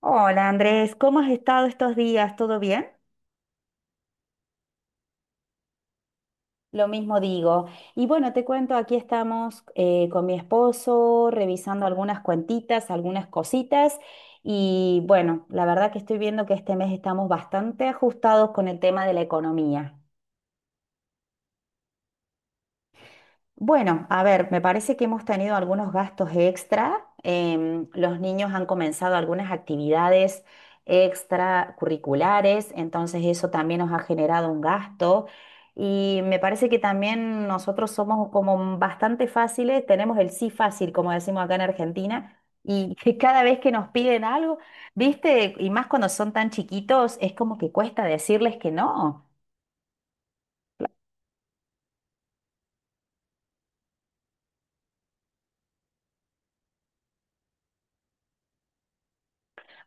Hola Andrés, ¿cómo has estado estos días? ¿Todo bien? Lo mismo digo. Y bueno, te cuento, aquí estamos con mi esposo revisando algunas cuentitas, algunas cositas. Y bueno, la verdad que estoy viendo que este mes estamos bastante ajustados con el tema de la economía. Bueno, a ver, me parece que hemos tenido algunos gastos extra. Los niños han comenzado algunas actividades extracurriculares, entonces eso también nos ha generado un gasto. Y me parece que también nosotros somos como bastante fáciles, tenemos el sí fácil, como decimos acá en Argentina, y que cada vez que nos piden algo, viste, y más cuando son tan chiquitos, es como que cuesta decirles que no.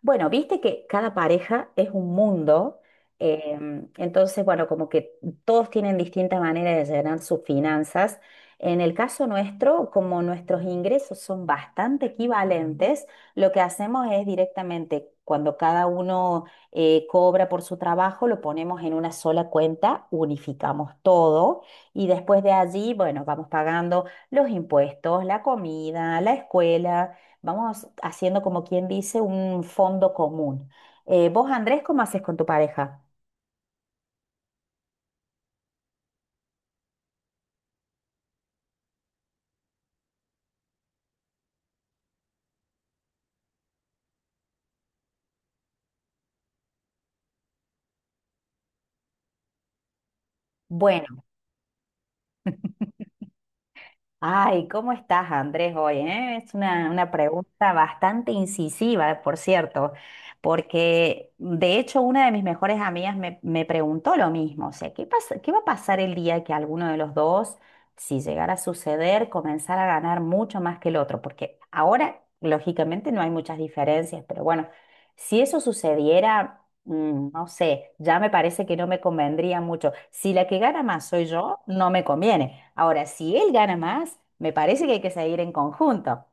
Bueno, viste que cada pareja es un mundo. Entonces, bueno, como que todos tienen distintas maneras de llenar sus finanzas. En el caso nuestro, como nuestros ingresos son bastante equivalentes, lo que hacemos es directamente, cuando cada uno cobra por su trabajo, lo ponemos en una sola cuenta, unificamos todo y después de allí, bueno, vamos pagando los impuestos, la comida, la escuela. Vamos haciendo como quien dice un fondo común. Vos, Andrés, ¿cómo haces con tu pareja? Bueno, ay, ¿cómo estás, Andrés, hoy? Es una pregunta bastante incisiva, por cierto, porque de hecho una de mis mejores amigas me preguntó lo mismo, o sea, ¿qué va a pasar el día que alguno de los dos, si llegara a suceder, comenzara a ganar mucho más que el otro? Porque ahora, lógicamente, no hay muchas diferencias, pero bueno, si eso sucediera. No sé, ya me parece que no me convendría mucho. Si la que gana más soy yo, no me conviene. Ahora, si él gana más, me parece que hay que seguir en conjunto.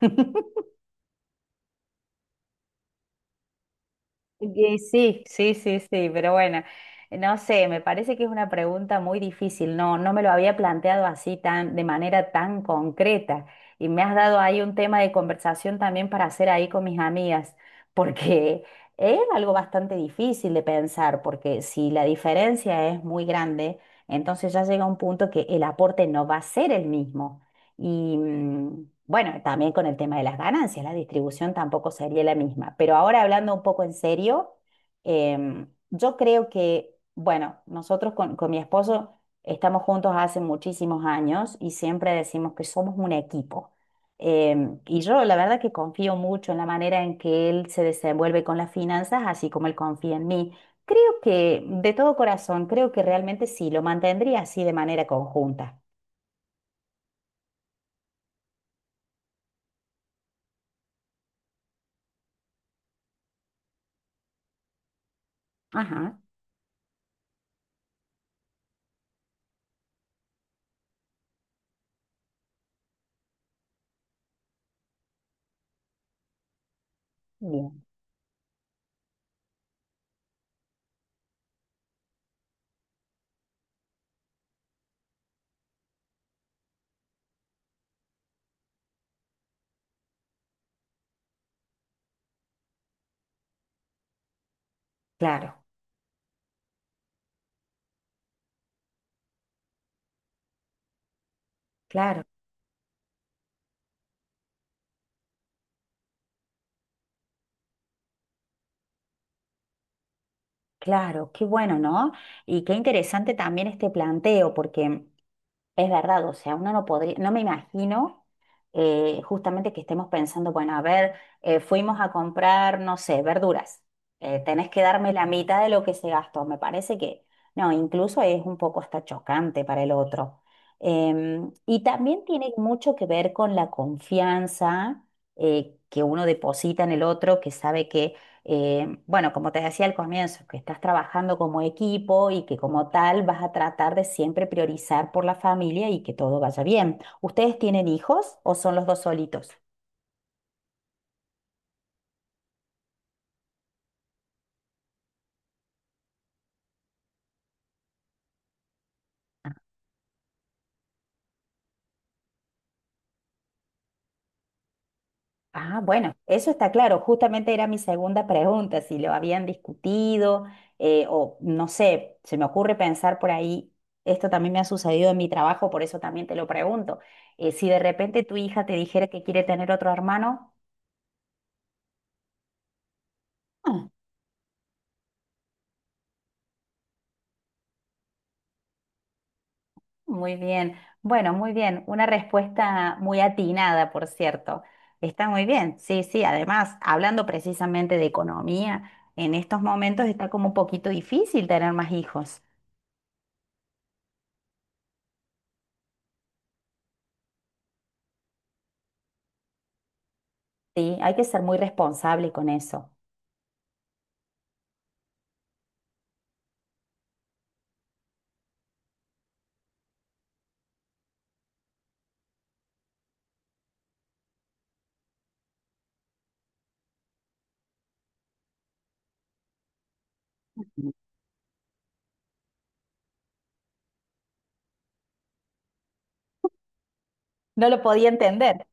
Y sí, sí, sí, sí, pero bueno, no sé, me parece que es una pregunta muy difícil, no, no me lo había planteado así tan, de manera tan concreta, y me has dado ahí un tema de conversación también para hacer ahí con mis amigas, porque es algo bastante difícil de pensar, porque si la diferencia es muy grande, entonces ya llega un punto que el aporte no va a ser el mismo. Y bueno, también con el tema de las ganancias, la distribución tampoco sería la misma. Pero ahora hablando un poco en serio, yo creo que, bueno, nosotros con mi esposo estamos juntos hace muchísimos años y siempre decimos que somos un equipo. Y yo la verdad que confío mucho en la manera en que él se desenvuelve con las finanzas, así como él confía en mí. Creo que, de todo corazón, creo que realmente sí, lo mantendría así de manera conjunta. Ajá, bien, claro. Claro, claro, qué bueno, ¿no? Y qué interesante también este planteo, porque es verdad, o sea, uno no podría, no me imagino justamente que estemos pensando, bueno, a ver, fuimos a comprar, no sé, verduras, tenés que darme la mitad de lo que se gastó, me parece que, no, incluso es un poco hasta chocante para el otro. Y también tiene mucho que ver con la confianza que uno deposita en el otro, que sabe que. Bueno, como te decía al comienzo, que estás trabajando como equipo y que como tal vas a tratar de siempre priorizar por la familia y que todo vaya bien. ¿Ustedes tienen hijos o son los dos solitos? Ah, bueno, eso está claro. Justamente era mi segunda pregunta, si lo habían discutido, o no sé, se me ocurre pensar por ahí, esto también me ha sucedido en mi trabajo, por eso también te lo pregunto. Si de repente tu hija te dijera que quiere tener otro hermano. Ah, muy bien. Bueno, muy bien. Una respuesta muy atinada, por cierto. Está muy bien. Sí, sí. Además, hablando precisamente de economía, en estos momentos está como un poquito difícil tener más hijos. Sí, hay que ser muy responsable con eso. No lo podía entender.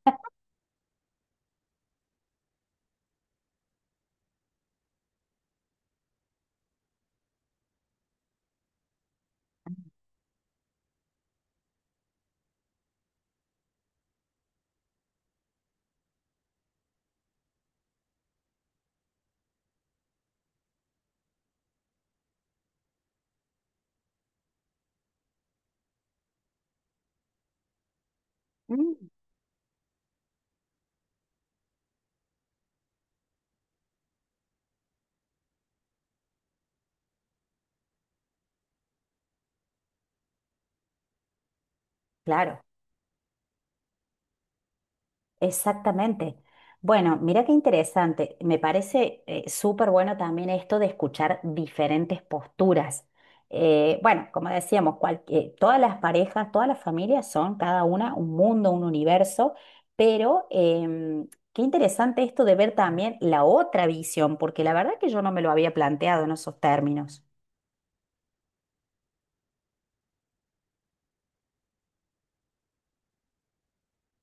Mm. Claro. Exactamente. Bueno, mira qué interesante. Me parece súper bueno también esto de escuchar diferentes posturas. Bueno, como decíamos, todas las parejas, todas las familias son cada una un mundo, un universo, pero qué interesante esto de ver también la otra visión, porque la verdad que yo no me lo había planteado en esos términos.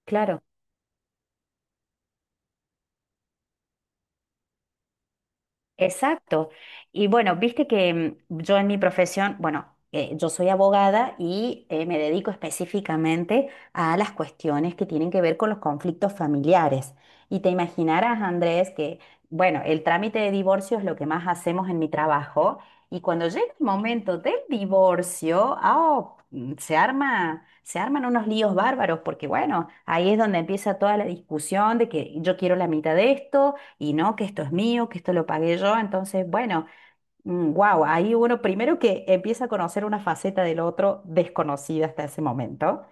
Claro. Exacto. Y bueno, viste que yo en mi profesión, bueno, yo soy abogada y me dedico específicamente a las cuestiones que tienen que ver con los conflictos familiares. Y te imaginarás, Andrés, que, bueno, el trámite de divorcio es lo que más hacemos en mi trabajo. Y cuando llega el momento del divorcio, se arman unos líos bárbaros, porque bueno, ahí es donde empieza toda la discusión de que yo quiero la mitad de esto y no, que esto es mío, que esto lo pagué yo. Entonces, bueno, wow, ahí uno primero que empieza a conocer una faceta del otro desconocida hasta ese momento,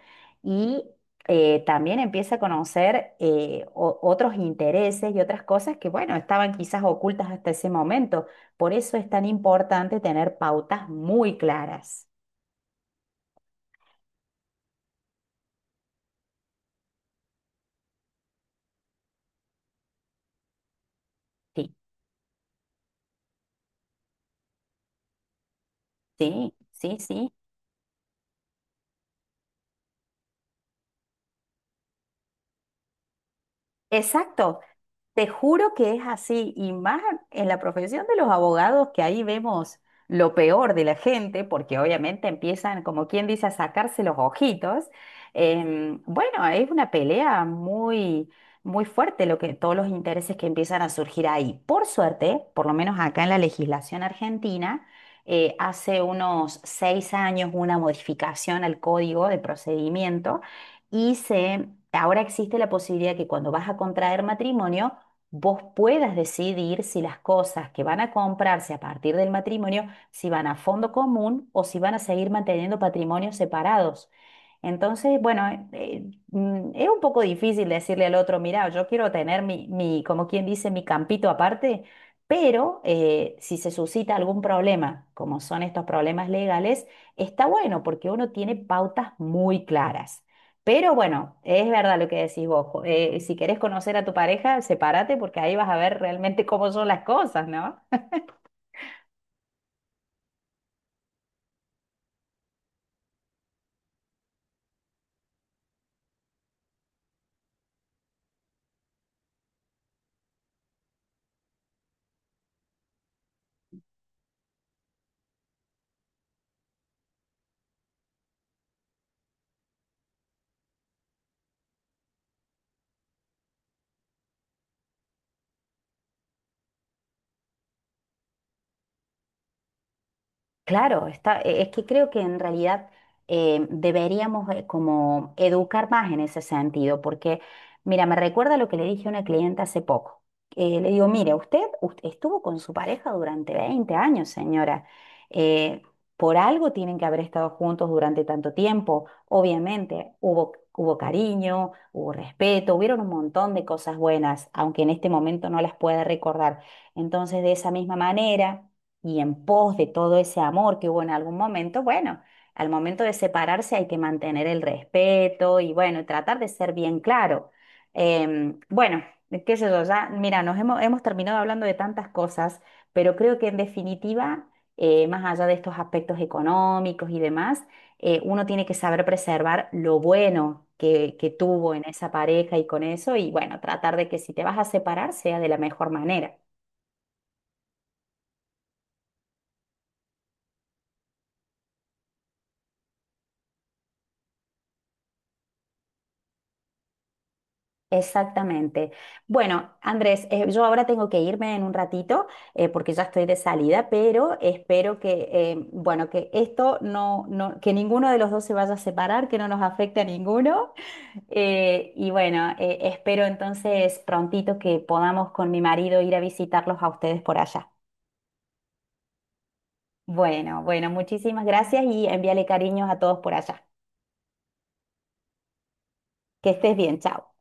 y también empieza a conocer otros intereses y otras cosas que, bueno, estaban quizás ocultas hasta ese momento. Por eso es tan importante tener pautas muy claras. Sí, sí, sí, sí. Exacto. Te juro que es así, y más en la profesión de los abogados, que ahí vemos lo peor de la gente, porque obviamente empiezan, como quien dice, a sacarse los ojitos. Bueno, es una pelea muy, muy fuerte lo que, todos los intereses que empiezan a surgir ahí. Por suerte, por lo menos acá en la legislación argentina, hace unos 6 años una modificación al código de procedimiento, y ahora existe la posibilidad que cuando vas a contraer matrimonio, vos puedas decidir si las cosas que van a comprarse a partir del matrimonio, si van a fondo común o si van a seguir manteniendo patrimonios separados. Entonces, bueno, es un poco difícil decirle al otro, mira, yo quiero tener mi, como quien dice, mi campito aparte, pero si se suscita algún problema, como son estos problemas legales, está bueno porque uno tiene pautas muy claras. Pero bueno, es verdad lo que decís vos. Si querés conocer a tu pareja, sepárate porque ahí vas a ver realmente cómo son las cosas, ¿no? Claro, es que creo que en realidad deberíamos como educar más en ese sentido, porque mira, me recuerda lo que le dije a una cliente hace poco. Le digo, mire, estuvo con su pareja durante 20 años, señora. Eh, por algo tienen que haber estado juntos durante tanto tiempo. Obviamente, hubo cariño, hubo respeto, hubieron un montón de cosas buenas, aunque en este momento no las pueda recordar. Entonces, de esa misma manera y en pos de todo ese amor que hubo en algún momento, bueno, al momento de separarse hay que mantener el respeto y bueno, tratar de ser bien claro. Bueno, qué sé yo, ya, mira, hemos terminado hablando de tantas cosas, pero creo que en definitiva, más allá de estos aspectos económicos y demás, uno tiene que saber preservar lo bueno. Que tuvo en esa pareja y con eso, y bueno, tratar de que si te vas a separar sea de la mejor manera. Exactamente. Bueno, Andrés, yo ahora tengo que irme en un ratito, porque ya estoy de salida, pero espero que, bueno, que esto no, que ninguno de los dos se vaya a separar, que no nos afecte a ninguno. Y bueno, espero entonces prontito que podamos con mi marido ir a visitarlos a ustedes por allá. Bueno, bueno, muchísimas gracias y envíale cariños a todos por allá. Que estés bien, chao.